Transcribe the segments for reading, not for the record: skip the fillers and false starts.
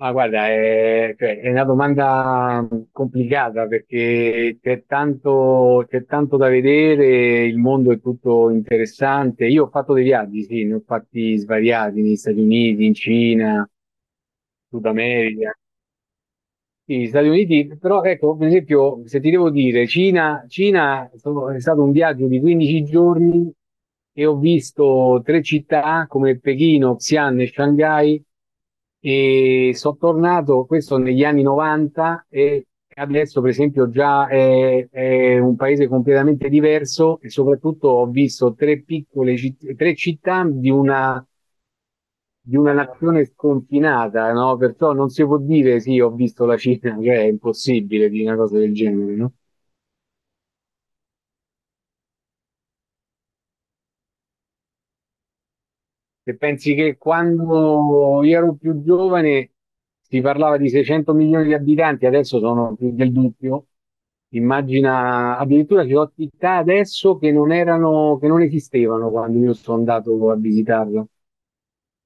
Ma guarda, cioè, è una domanda complicata perché c'è tanto da vedere, il mondo è tutto interessante. Io ho fatto dei viaggi, sì, ne ho fatti svariati negli Stati Uniti, in Cina, Sud America. Gli Stati Uniti, però ecco, per esempio, se ti devo dire, è stato un viaggio di 15 giorni e ho visto tre città come Pechino, Xi'an e Shanghai, e sono tornato. Questo negli anni 90. E adesso, per esempio, già è un paese completamente diverso, e soprattutto ho visto tre città di una nazione sconfinata, no? Perciò non si può dire sì, ho visto la Cina, cioè è impossibile di una cosa del genere, no? Se pensi che quando io ero più giovane si parlava di 600 milioni di abitanti, adesso sono più del doppio. Immagina, addirittura ci sono città adesso che non erano, che non esistevano quando io sono andato a visitarla.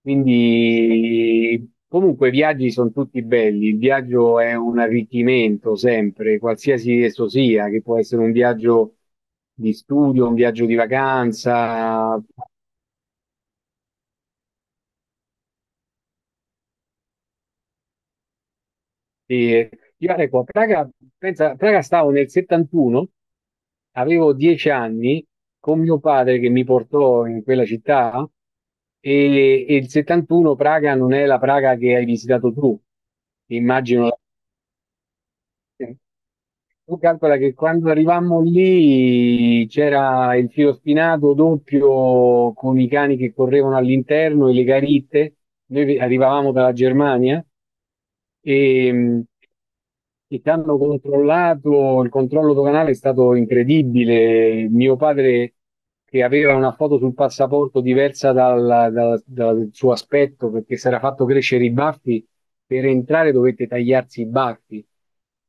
Quindi, comunque, i viaggi sono tutti belli. Il viaggio è un arricchimento sempre, qualsiasi esso sia, che può essere un viaggio di studio, un viaggio di vacanza. E io, ecco, a Praga, pensa, a Praga stavo nel 71, avevo 10 anni, con mio padre che mi portò in quella città. E il 71 Praga non è la Praga che hai visitato tu, immagino. Tu calcola che quando arrivammo lì c'era il filo spinato doppio, con i cani che correvano all'interno, e le garitte. Noi arrivavamo dalla Germania e, e ci hanno controllato, il controllo doganale è stato incredibile. Mio padre, che aveva una foto sul passaporto diversa dal suo aspetto perché si era fatto crescere i baffi, per entrare dovette tagliarsi i baffi.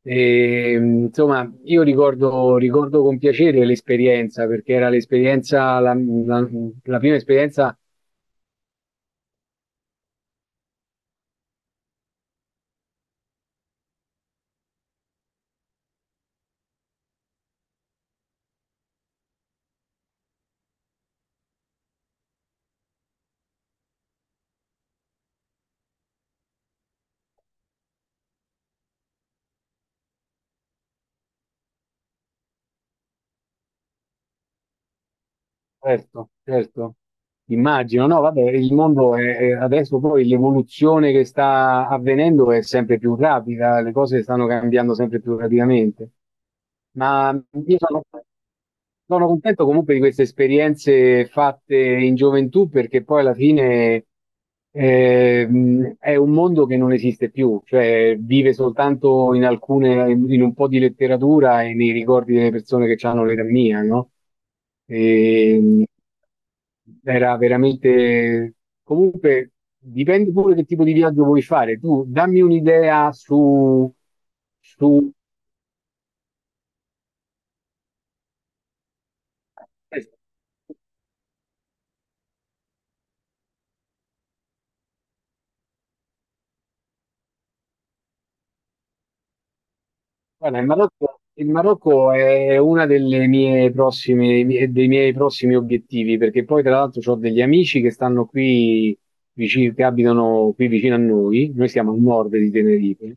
E, insomma, io ricordo con piacere l'esperienza, perché era l'esperienza, la prima esperienza. Certo, certo, immagino. No, vabbè, il mondo adesso poi l'evoluzione che sta avvenendo è sempre più rapida, le cose stanno cambiando sempre più rapidamente. Ma io sono... Sono contento comunque di queste esperienze fatte in gioventù, perché poi alla fine è un mondo che non esiste più, cioè vive soltanto in un po' di letteratura e nei ricordi delle persone che hanno l'età mia, no? E, era veramente... Comunque dipende pure che tipo di viaggio vuoi fare. Tu dammi un'idea su... Guarda, il Marocco è uno delle mie prossime, dei miei prossimi obiettivi, perché poi tra l'altro ho degli amici che stanno qui vicino, che abitano qui vicino a noi. Noi siamo a nord di Tenerife,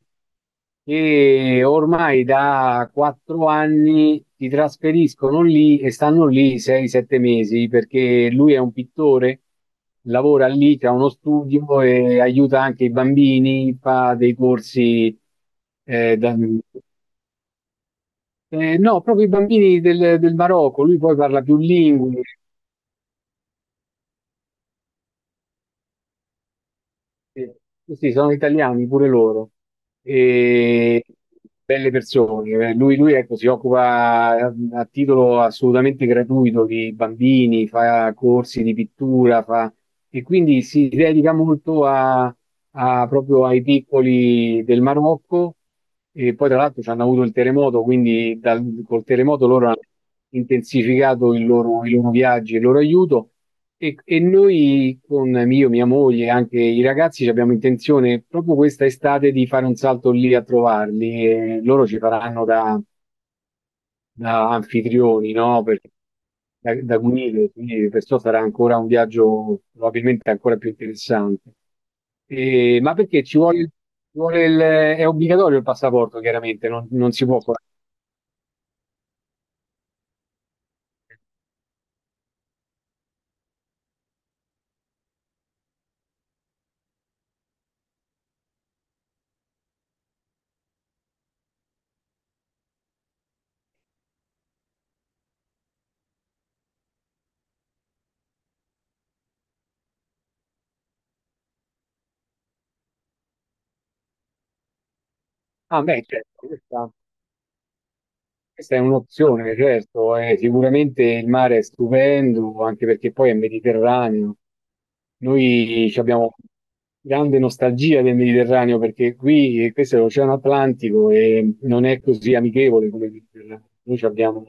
e ormai da 4 anni si trasferiscono lì e stanno lì 6-7 mesi, perché lui è un pittore, lavora lì, ha uno studio e aiuta anche i bambini, fa dei corsi. eh, da- no, proprio i bambini del Marocco, lui poi parla più lingue. Sì, sì, sì, sono italiani pure loro. E belle persone. Lui, ecco, si occupa a titolo assolutamente gratuito di bambini, fa corsi di pittura, fa... e quindi si dedica molto proprio ai piccoli del Marocco. E poi, tra l'altro, ci hanno avuto il terremoto, quindi col terremoto loro hanno intensificato i loro viaggi e il loro aiuto. E noi, con io, mia moglie e anche i ragazzi, ci abbiamo intenzione proprio questa estate di fare un salto lì a trovarli. E loro ci faranno da anfitrioni, no? Da guide, quindi perciò sarà ancora un viaggio probabilmente ancora più interessante. Ma perché è obbligatorio il passaporto, chiaramente, non si può fare. Ah, beh, certo, questa è un'opzione, certo. Eh, sicuramente il mare è stupendo, anche perché poi è Mediterraneo. Noi ci abbiamo grande nostalgia del Mediterraneo, perché qui, questo è l'Oceano Atlantico e non è così amichevole come il Mediterraneo. Noi ci abbiamo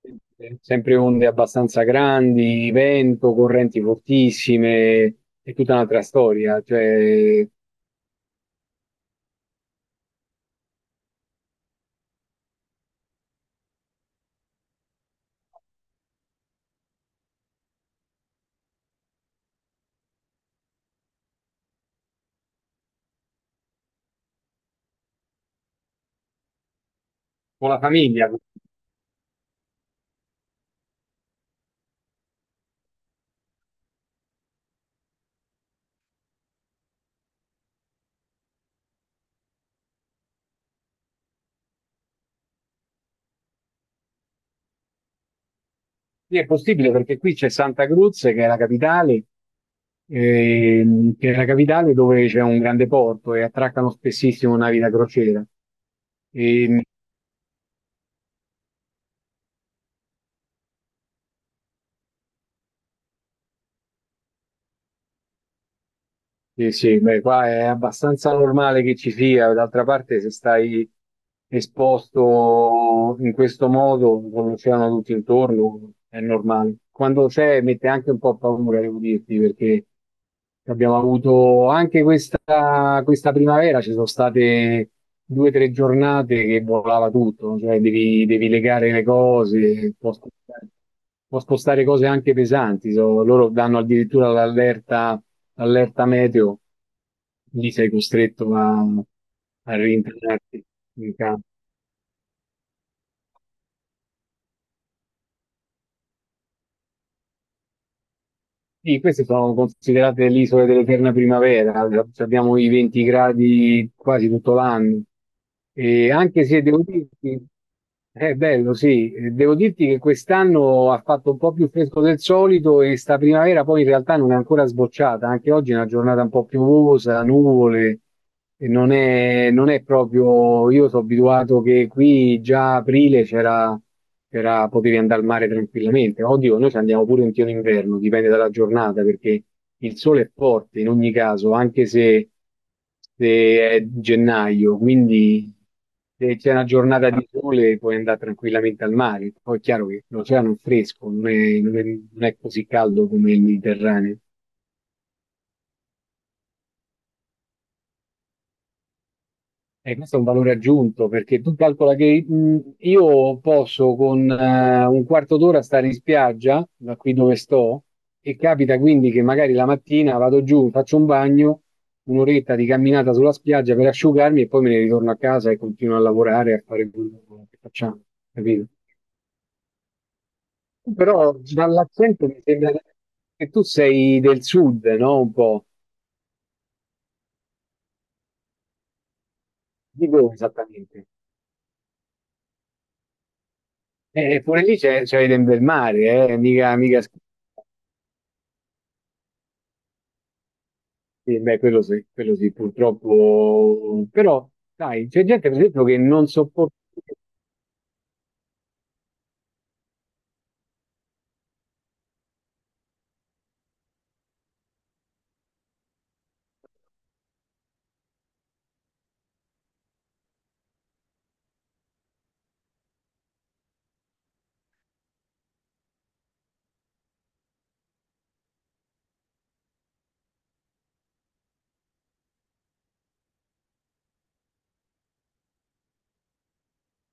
sempre onde abbastanza grandi, vento, correnti fortissime. È tutta un'altra storia. Cioè, con la famiglia, qui è possibile perché qui c'è Santa Cruz, che è la capitale, dove c'è un grande porto e attraccano spessissimo navi da crociera. E, Sì, sì, beh, qua è abbastanza normale che ci sia; d'altra parte, se stai esposto in questo modo, con l'oceano tutto intorno, è normale. Quando c'è mette anche un po' paura, devo dirti, perché abbiamo avuto anche questa primavera, ci sono state 2 o 3 giornate che volava tutto, no? Cioè devi legare le cose, può spostare, cose anche pesanti. Loro danno addirittura l'allerta, allerta meteo. Lì sei costretto a rientrarti in campo. Sì, queste sono considerate le isole dell'eterna primavera, abbiamo i 20 gradi quasi tutto l'anno. E anche se devo dirti, È bello, sì. Devo dirti che quest'anno ha fatto un po' più fresco del solito, e sta primavera poi in realtà non è ancora sbocciata, anche oggi è una giornata un po' piovosa, nuvole. E non è proprio, io sono abituato che qui già a aprile potevi andare al mare tranquillamente. Oddio, noi ci andiamo pure in pieno inverno, dipende dalla giornata, perché il sole è forte in ogni caso, anche se è gennaio, quindi se c'è una giornata di sole puoi andare tranquillamente al mare. Poi è chiaro che l'oceano è fresco, non è così caldo come il Mediterraneo. E questo è un valore aggiunto, perché tu calcola che io posso con un quarto d'ora stare in spiaggia, da qui dove sto, e capita quindi che magari la mattina vado giù, faccio un bagno, un'oretta di camminata sulla spiaggia per asciugarmi, e poi me ne ritorno a casa e continuo a lavorare, a fare quello che facciamo, capito? Però dall'accento mi sembra che tu sei del sud, no? Un po'. Di dove esattamente? Pure lì c'è del bel mare, eh? Mica, mica... Sì, beh, quello sì, purtroppo. Però, dai, c'è gente, per esempio, che non sopporta.